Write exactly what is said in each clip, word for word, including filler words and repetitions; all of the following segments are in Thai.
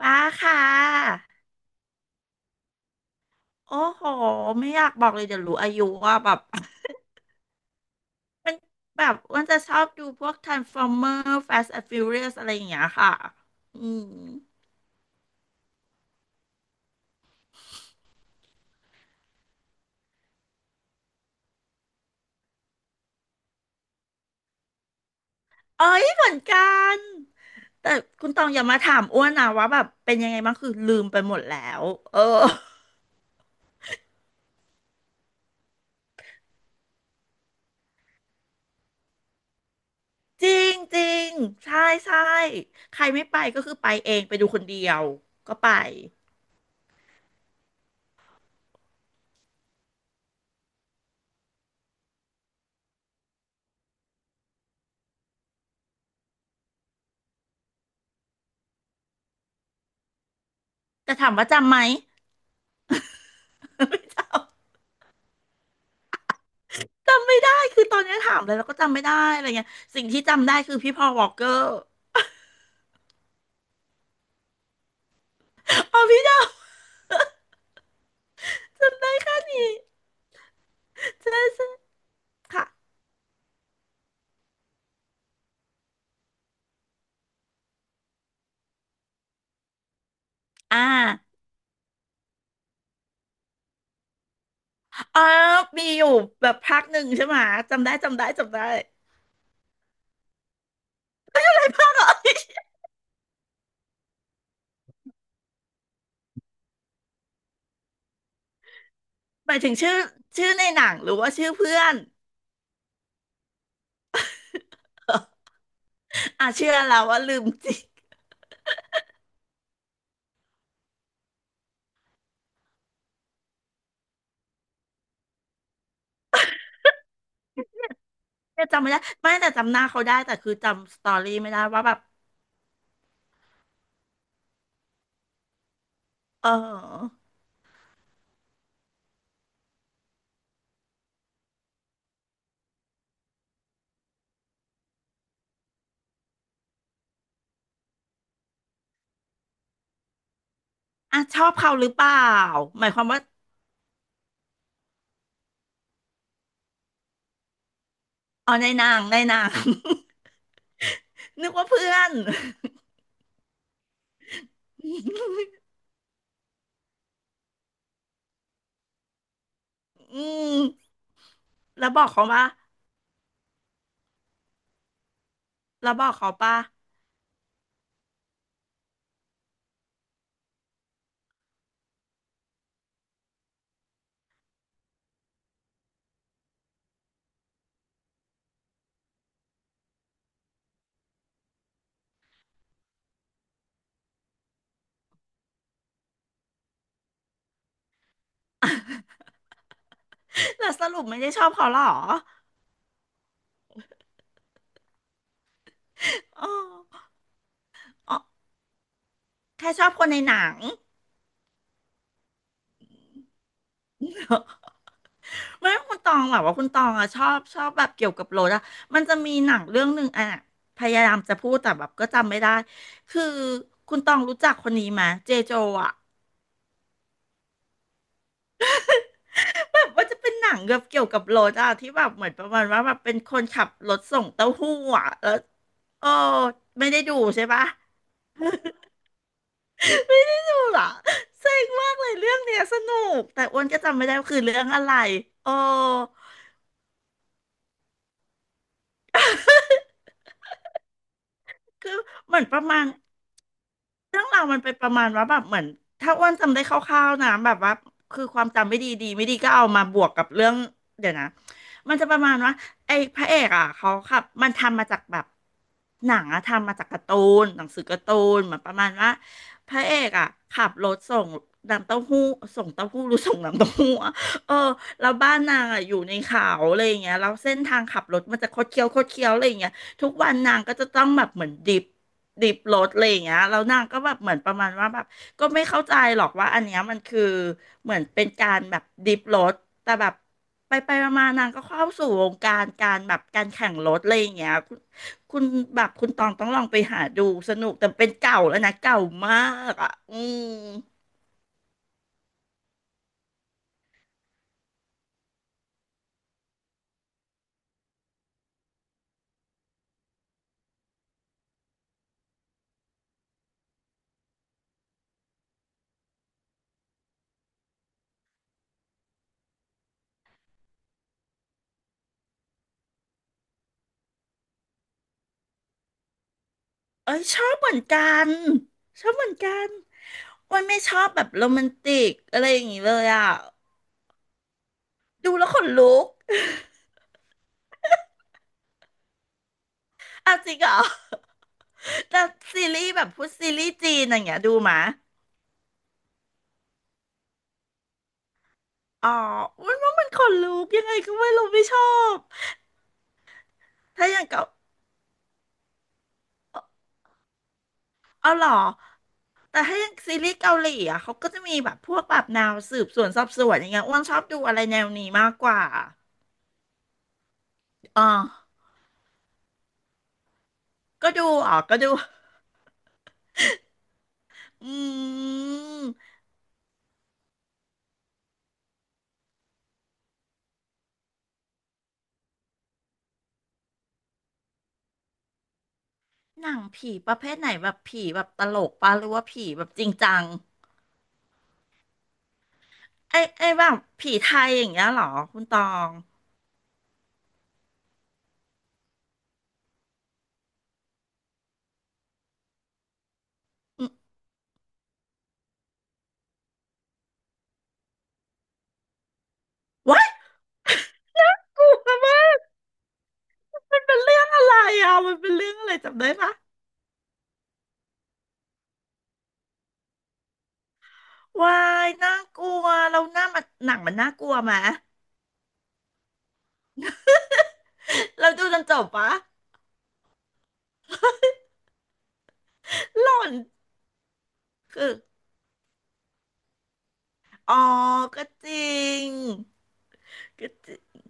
ว้าค่ะ โอ้โห ไม่อยากบอกเลยเดี๋ยวรู้อายุว่าแบบ มันแบบอ้วันจะชอบดูพวก Transformer Fast and Furious อะไรอย่างเงี้ยค่ะ อืม เอ้ยเหมือนกัน แต่คุณตองอย่ามาถามอ้วนนะว่าแบบเป็นยังไงบ้างคือลืมไปหมดแล้ว เออ จริงจริงใช่ใช่ใครไม่ไปก็คือไปเองไปดูคนเดียวก็ไปแต่ถามว่าจำไหม ไม่จำ จำไม่ได้คือตอนนี้ถามเลยแล้วก็จำไม่ได้อะไรเงี้ยสิ่งที่จำได้คือพี่พอลวอลกเกอร์อ๋อพี่ดาวจำได้แค่นี้ใช่ใช่ค่ะอ่าอ๋อมีอยู่แบบภาคหนึ่งใช่ไหมจำได้จำได้จำได้ภาคเหรอหมายถึงชื่อชื่อในหนังหรือว่าชื่อเพื่อนอ่ะเชื่อแล้วว่าลืมจริงเนี่ยจำไม่ได้ไม่แต่จำหน้าเขาได้แต่คือจำสตอรี่ไม่ได้ว่าแบบเอออ่ะชอบเขาหรือเปล่าหมายความว่าอ๋อในหนางในหนาง นึกว่าเพื่อน อืมแล้วบอกเขาปะแล้วบอกเขาปะแล้วสรุปไม่ได้ชอบเขาหรออ๋ออ๋อแค่ชอบคนในหนัง ไม่คุณตองแบบว่าคุณตองอะชอบชอบแบบเกี่ยวกับรถอะมันจะมีหนังเรื่องหนึ่งอะพยายามจะพูดแต่แบบก็จำไม่ได้คือคุณตองรู้จักคนนี้ไหมเจโจอะแบบว่าจะเป็นหนังแบบเกี่ยวกับรถอะที่แบบเหมือนประมาณว่าแบบเป็นคนขับรถส่งเต้าหู้อะแล้วเออไม่ได้ดูใช่ปะ ไม่ได้ดูเหรอเซ็งมากเลยเรื่องเนี้ยสนุกแต่อ้วนก็จำไม่ได้ว่าคือเรื่องอะไรโอ้คือเหมือนประมาณ เรื่องราวมันเป็นประมาณว่าแบบเหมือนถ้าอ้วนจำได้คร่าวๆนะแบบว่าคือความจำไม่ดีดีไม่ดีก็เอามาบวกกับเรื่องเดี๋ยวนะมันจะประมาณว่าไอ้พระเอกอ่ะเขาขับมันทำมาจากแบบหนังอะทำมาจากการ์ตูนหนังสือการ์ตูนเหมือนประมาณว่าพระเอกอ่ะขับรถส่งน้ำเต้าหู้ส่งเต้าหู้หรือส่งน้ำเต้าหู้อะเออแล้วบ้านนางอ่ะอยู่ในเขาอะไรอย่างเงี้ยแล้วเส้นทางขับรถมันจะคดเคี้ยวคดเคี้ยวอะไรอย่างเงี้ยทุกวันนางก็จะต้องแบบเหมือนดิฟ ดิบรถอะไรอย่างเงี้ยแล้วนางก็แบบเหมือนประมาณว่าแบบก็ไม่เข้าใจหรอกว่าอันเนี้ยมันคือเหมือนเป็นการแบบดิบรถแต่แบบไปไปมาๆนางก็เข้าสู่วงการการแบบการแข่งรถอะไรอย่างเงี้ยคุณคุณแบบคุณตองต้องลองไปหาดูสนุกแต่เป็นเก่าแล้วนะเก่ามากอ่ะอืมเอ้ยชอบเหมือนกันชอบเหมือนกันวันไม่ชอบแบบโรแมนติกอะไรอย่างงี้เลยอ่ะดูแล้วขนลุก อ้าวจริงเหรอ แต่ซีรีส์แบบพูดซีรีส์จีนอย่างเงี้ยดูมะอ๋อมันว่ามันขนลุกยังไงก็ไม่รู้ไม่ชอบถ้าอย่างเกาเอาเหรอแต่ถ้าอย่างซีรีส์เกาหลีอ่ะเขาก็จะมีแบบพวกแบบแนวสืบสวนสอบสวนอย่างเงี้ยอ้วนชอบดูอะไรแนวนี้มากกว่าอ๋อก็ดูอ๋อก็ดูอืมหนังผีประเภทไหนแบบผีแบบตลกปะหรือว่าผีแบบจริงจังไอ้ไอ้แบบผีไทยอย่างเงี้ยเหรอคุณตองอืม กลัวมากมันเป็นเรื่องอะไรอ่ะมันเป็นเรื่องอะไรจำได้ปะวายน่ากลัวเราหน้ามันหนังมันน่ากลัวไหมเราดูจนจบปะหล่อนคืออ๋อก็จริงก็จริง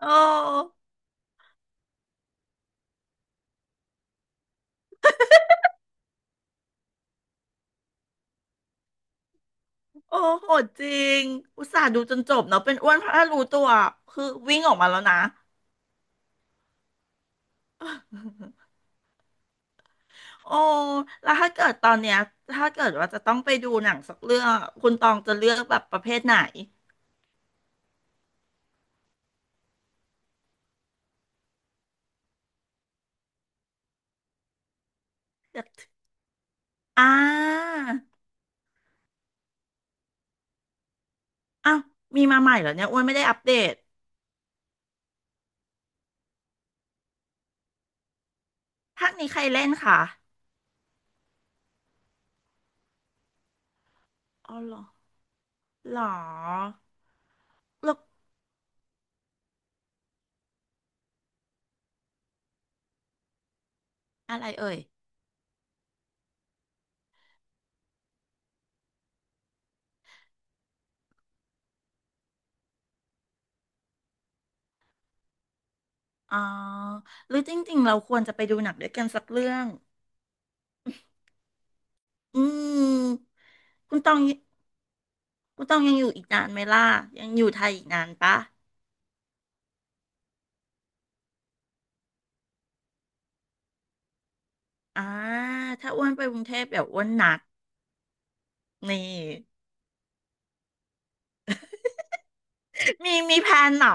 โอ้โอ้โหดจริงอุตส่าห์ดูจนจบเนาะเป็นอ้วนเพราะถ้ารู้ตัวคือวิ่งออกมาแล้วนะโอ้แล้วถ้าเกิดตอนเนี้ยถ้าเกิดว่าจะต้องไปดูหนังสักเรื่องอะคุณตองจะเลือกแบบประเภทไหนอยากอ่า อ้าวมีมาใหม่เหรอเนี่ยอ้วนไม่ได้อัปเดตภาคนี้ใครเล่นคะอ๋อเหรอหรอแลูกอะไรเอ่ยอ๋อหรือจริงๆเราควรจะไปดูหนังด้วยกันสักเรื่องอืมคุณตองคุณตองยังอยู่อีกนานไหมล่ะยังอยู่ไทยอีกนานปะอ่าถ้าอ้วนไปกรุงเทพเดี๋ยวอ้วนนัดนี่ มีมีแพลนเหรอ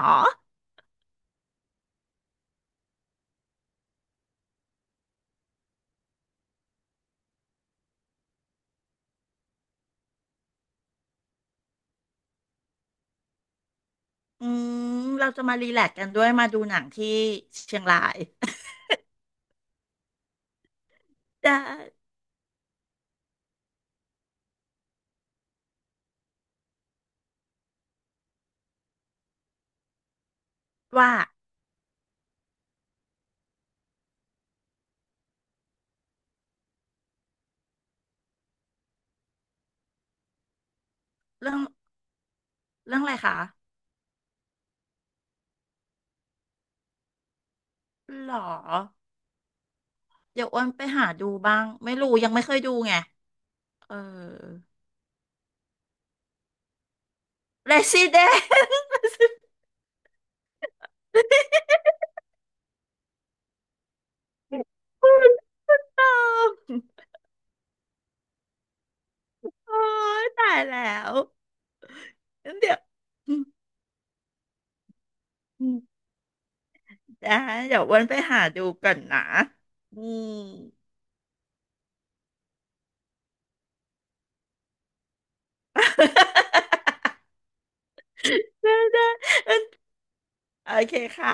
อืมเราจะมารีแลกซ์กันด้วยมาดูหนังที่เชียงราย ได้ว่าเรื่องเรื่องอะไรคะ หรอเดี๋ยวอ้วนไปหาดูบ้างไม่รู้ยังไม่เคยดูไงเออ Resident คุณตองโอ้ยตายแล้วเดี๋ยว ได้เดี๋ยวอ้วนไปหาดูก่อนนะอืม ได้ได้โอเคค่ะ